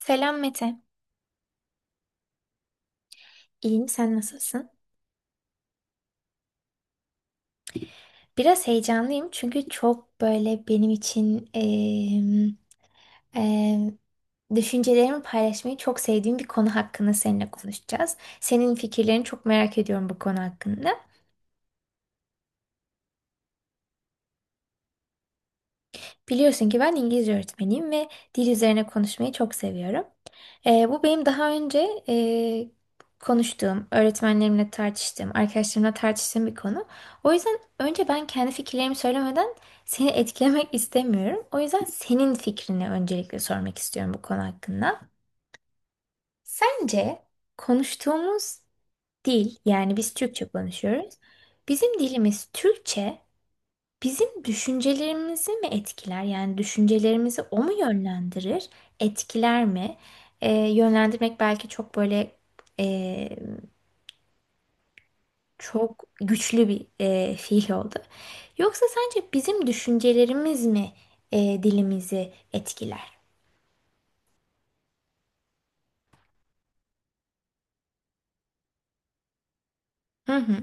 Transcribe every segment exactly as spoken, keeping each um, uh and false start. Selam Mete. İyiyim, sen nasılsın? Biraz heyecanlıyım çünkü çok böyle benim için em, em, düşüncelerimi paylaşmayı çok sevdiğim bir konu hakkında seninle konuşacağız. Senin fikirlerini çok merak ediyorum bu konu hakkında. Biliyorsun ki ben İngilizce öğretmeniyim ve dil üzerine konuşmayı çok seviyorum. Ee, bu benim daha önce e, konuştuğum, öğretmenlerimle tartıştığım, arkadaşlarımla tartıştığım bir konu. O yüzden önce ben kendi fikirlerimi söylemeden seni etkilemek istemiyorum. O yüzden senin fikrini öncelikle sormak istiyorum bu konu hakkında. Sence konuştuğumuz dil, yani biz Türkçe konuşuyoruz. Bizim dilimiz Türkçe. Bizim düşüncelerimizi mi etkiler? Yani düşüncelerimizi o mu yönlendirir? Etkiler mi? Ee, yönlendirmek belki çok böyle e, çok güçlü bir e, fiil oldu. Yoksa sence bizim düşüncelerimiz mi e, dilimizi etkiler? Hı hı,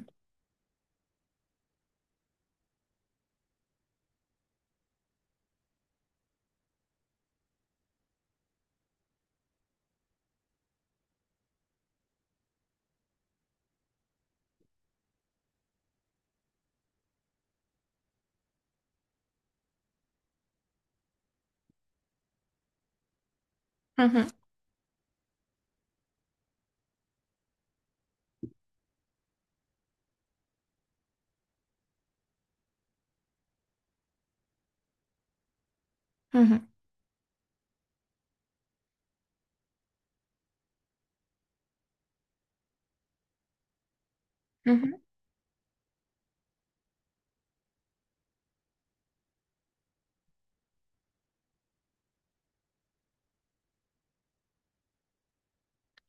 hı hı, hı hı, hı hı.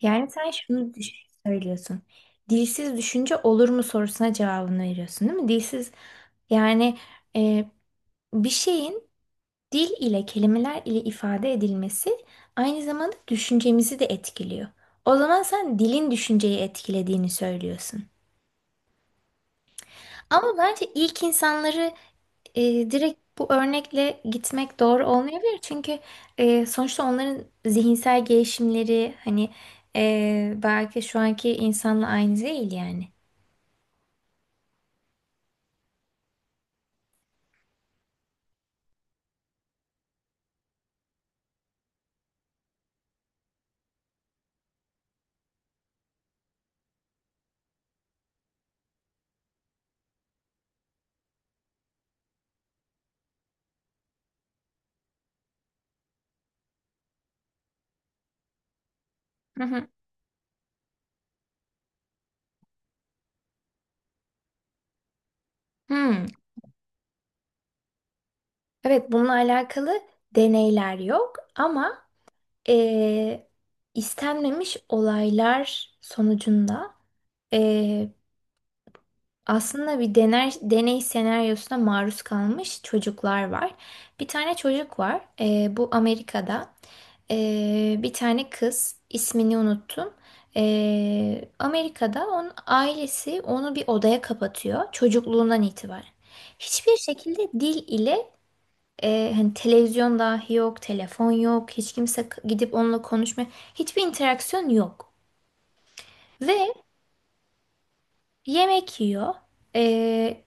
Yani sen şunu düş- söylüyorsun. Dilsiz düşünce olur mu sorusuna cevabını veriyorsun, değil mi? Dilsiz yani, e, bir şeyin dil ile kelimeler ile ifade edilmesi aynı zamanda düşüncemizi de etkiliyor. O zaman sen dilin düşünceyi etkilediğini söylüyorsun. Ama bence ilk insanları e, direkt bu örnekle gitmek doğru olmayabilir. Çünkü e, sonuçta onların zihinsel gelişimleri hani e, belki şu anki insanla aynı değil yani. Hı hı. Hmm. Evet, bununla alakalı deneyler yok ama e, istenmemiş olaylar sonucunda e, aslında bir dener, deney senaryosuna maruz kalmış çocuklar var. Bir tane çocuk var. E, bu Amerika'da. E, bir tane kız, ismini unuttum. E, Amerika'da onun ailesi onu bir odaya kapatıyor çocukluğundan itibaren. Hiçbir şekilde dil ile, e, hani televizyon dahi yok, telefon yok, hiç kimse k- gidip onunla konuşmuyor. Hiçbir interaksiyon yok. Ve yemek yiyor. E,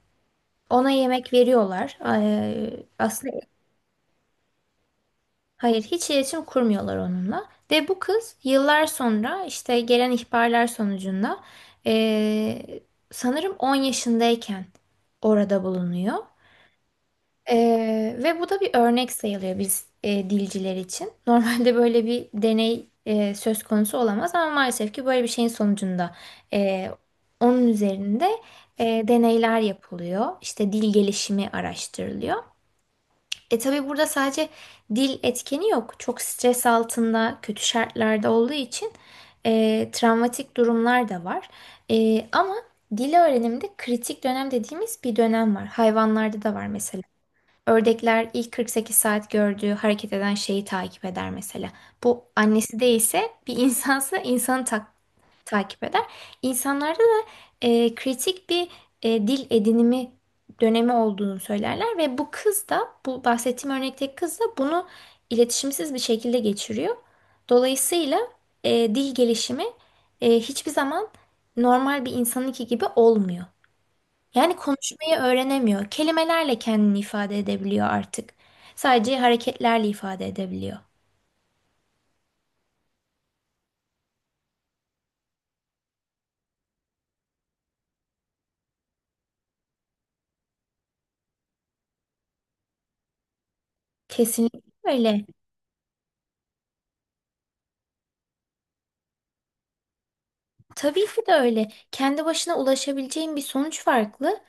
ona yemek veriyorlar. E, aslında hayır, hiç iletişim kurmuyorlar onunla. Ve bu kız yıllar sonra işte gelen ihbarlar sonucunda, e, sanırım on yaşındayken orada bulunuyor. Ee, ve bu da bir örnek sayılıyor biz e, dilciler için. Normalde böyle bir deney e, söz konusu olamaz, ama maalesef ki böyle bir şeyin sonucunda e, onun üzerinde e, deneyler yapılıyor. İşte dil gelişimi araştırılıyor. E, tabii burada sadece dil etkeni yok. Çok stres altında, kötü şartlarda olduğu için e, travmatik durumlar da var. E, ama dil öğreniminde kritik dönem dediğimiz bir dönem var. Hayvanlarda da var mesela. Ördekler ilk kırk sekiz saat gördüğü hareket eden şeyi takip eder mesela. Bu annesi değilse, bir insansa insanı tak- takip eder. İnsanlarda da e, kritik bir e, dil edinimi dönemi olduğunu söylerler ve bu kız da, bu bahsettiğim örnekteki kız da, bunu iletişimsiz bir şekilde geçiriyor. Dolayısıyla e, dil gelişimi e, hiçbir zaman normal bir insanınki gibi olmuyor. Yani konuşmayı öğrenemiyor. Kelimelerle kendini ifade edebiliyor artık. Sadece hareketlerle ifade edebiliyor. Kesinlikle öyle. Tabii ki de öyle. Kendi başına ulaşabileceğin bir sonuç farklı.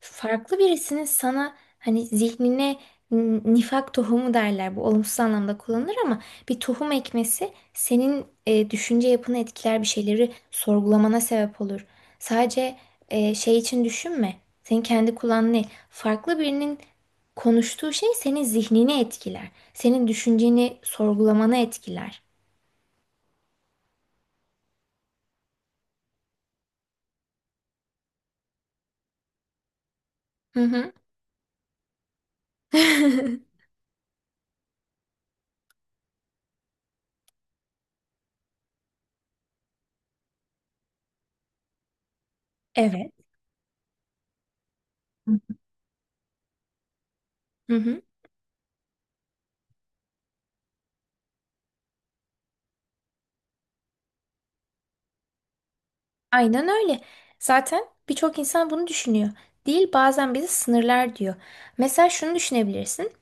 Farklı birisinin sana hani zihnine n- nifak tohumu derler. Bu olumsuz anlamda kullanılır ama bir tohum ekmesi senin e, düşünce yapını etkiler, bir şeyleri sorgulamana sebep olur. Sadece e, şey için düşünme. Senin kendi kulağın ne? Farklı birinin konuştuğu şey senin zihnini etkiler. Senin düşünceni sorgulamana etkiler. Hı hı. Evet. Hı hı. Aynen öyle. Zaten birçok insan bunu düşünüyor. Dil bazen bizi sınırlar diyor. Mesela şunu düşünebilirsin.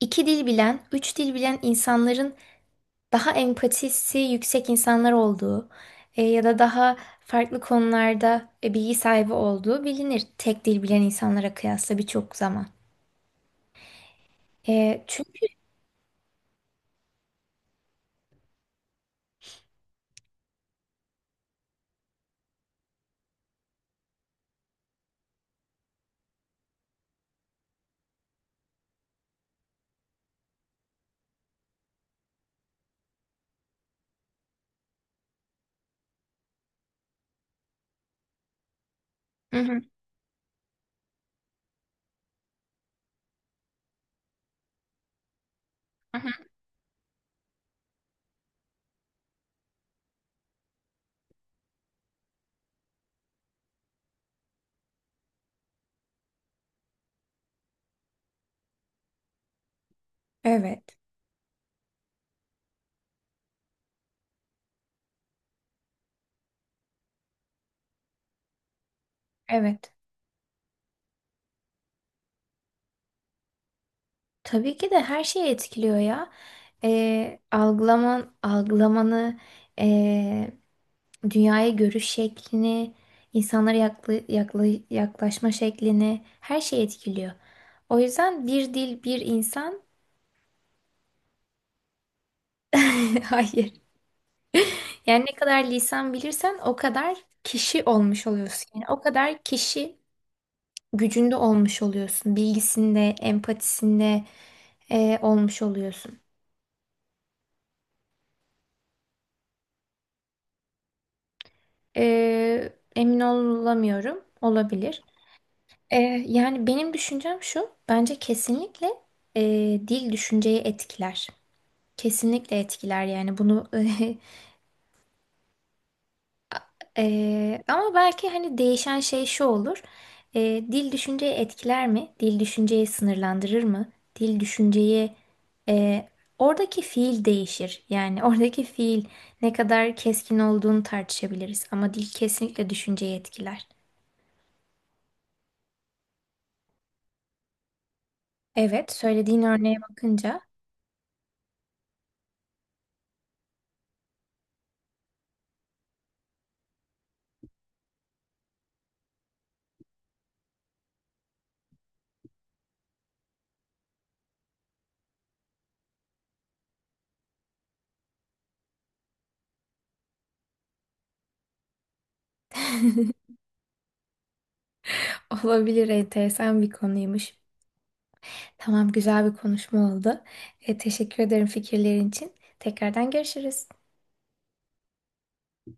İki dil bilen, üç dil bilen insanların daha empatisi yüksek insanlar olduğu, e, ya da daha farklı konularda e, bilgi sahibi olduğu bilinir. Tek dil bilen insanlara kıyasla birçok zaman. E, çünkü... Hı hı, hı hı. Evet, evet. Tabii ki de her şeyi etkiliyor ya. E, algılaman, algılamanı... e, dünyaya görüş şeklini, insanlara yakla- yakla- yaklaşma şeklini, her şeyi etkiliyor. O yüzden bir dil, bir insan. Hayır. Yani ne kadar lisan bilirsen o kadar kişi olmuş oluyorsun. Yani o kadar kişi gücünde olmuş oluyorsun. Bilgisinde, empatisinde e, olmuş oluyorsun. E, emin olamıyorum. Olabilir. E, yani benim düşüncem şu. Bence kesinlikle e, dil düşünceyi etkiler. Kesinlikle etkiler yani bunu eee, ama belki hani değişen şey şu olur. Eee, dil düşünceyi etkiler mi? Dil düşünceyi sınırlandırır mı? Dil düşünceyi eee, oradaki fiil değişir. Yani oradaki fiil ne kadar keskin olduğunu tartışabiliriz, ama dil kesinlikle düşünceyi etkiler. Evet, söylediğin örneğe bakınca olabilir, enteresan bir konuymuş. Tamam, güzel bir konuşma oldu. E, teşekkür ederim fikirlerin için. Tekrardan görüşürüz.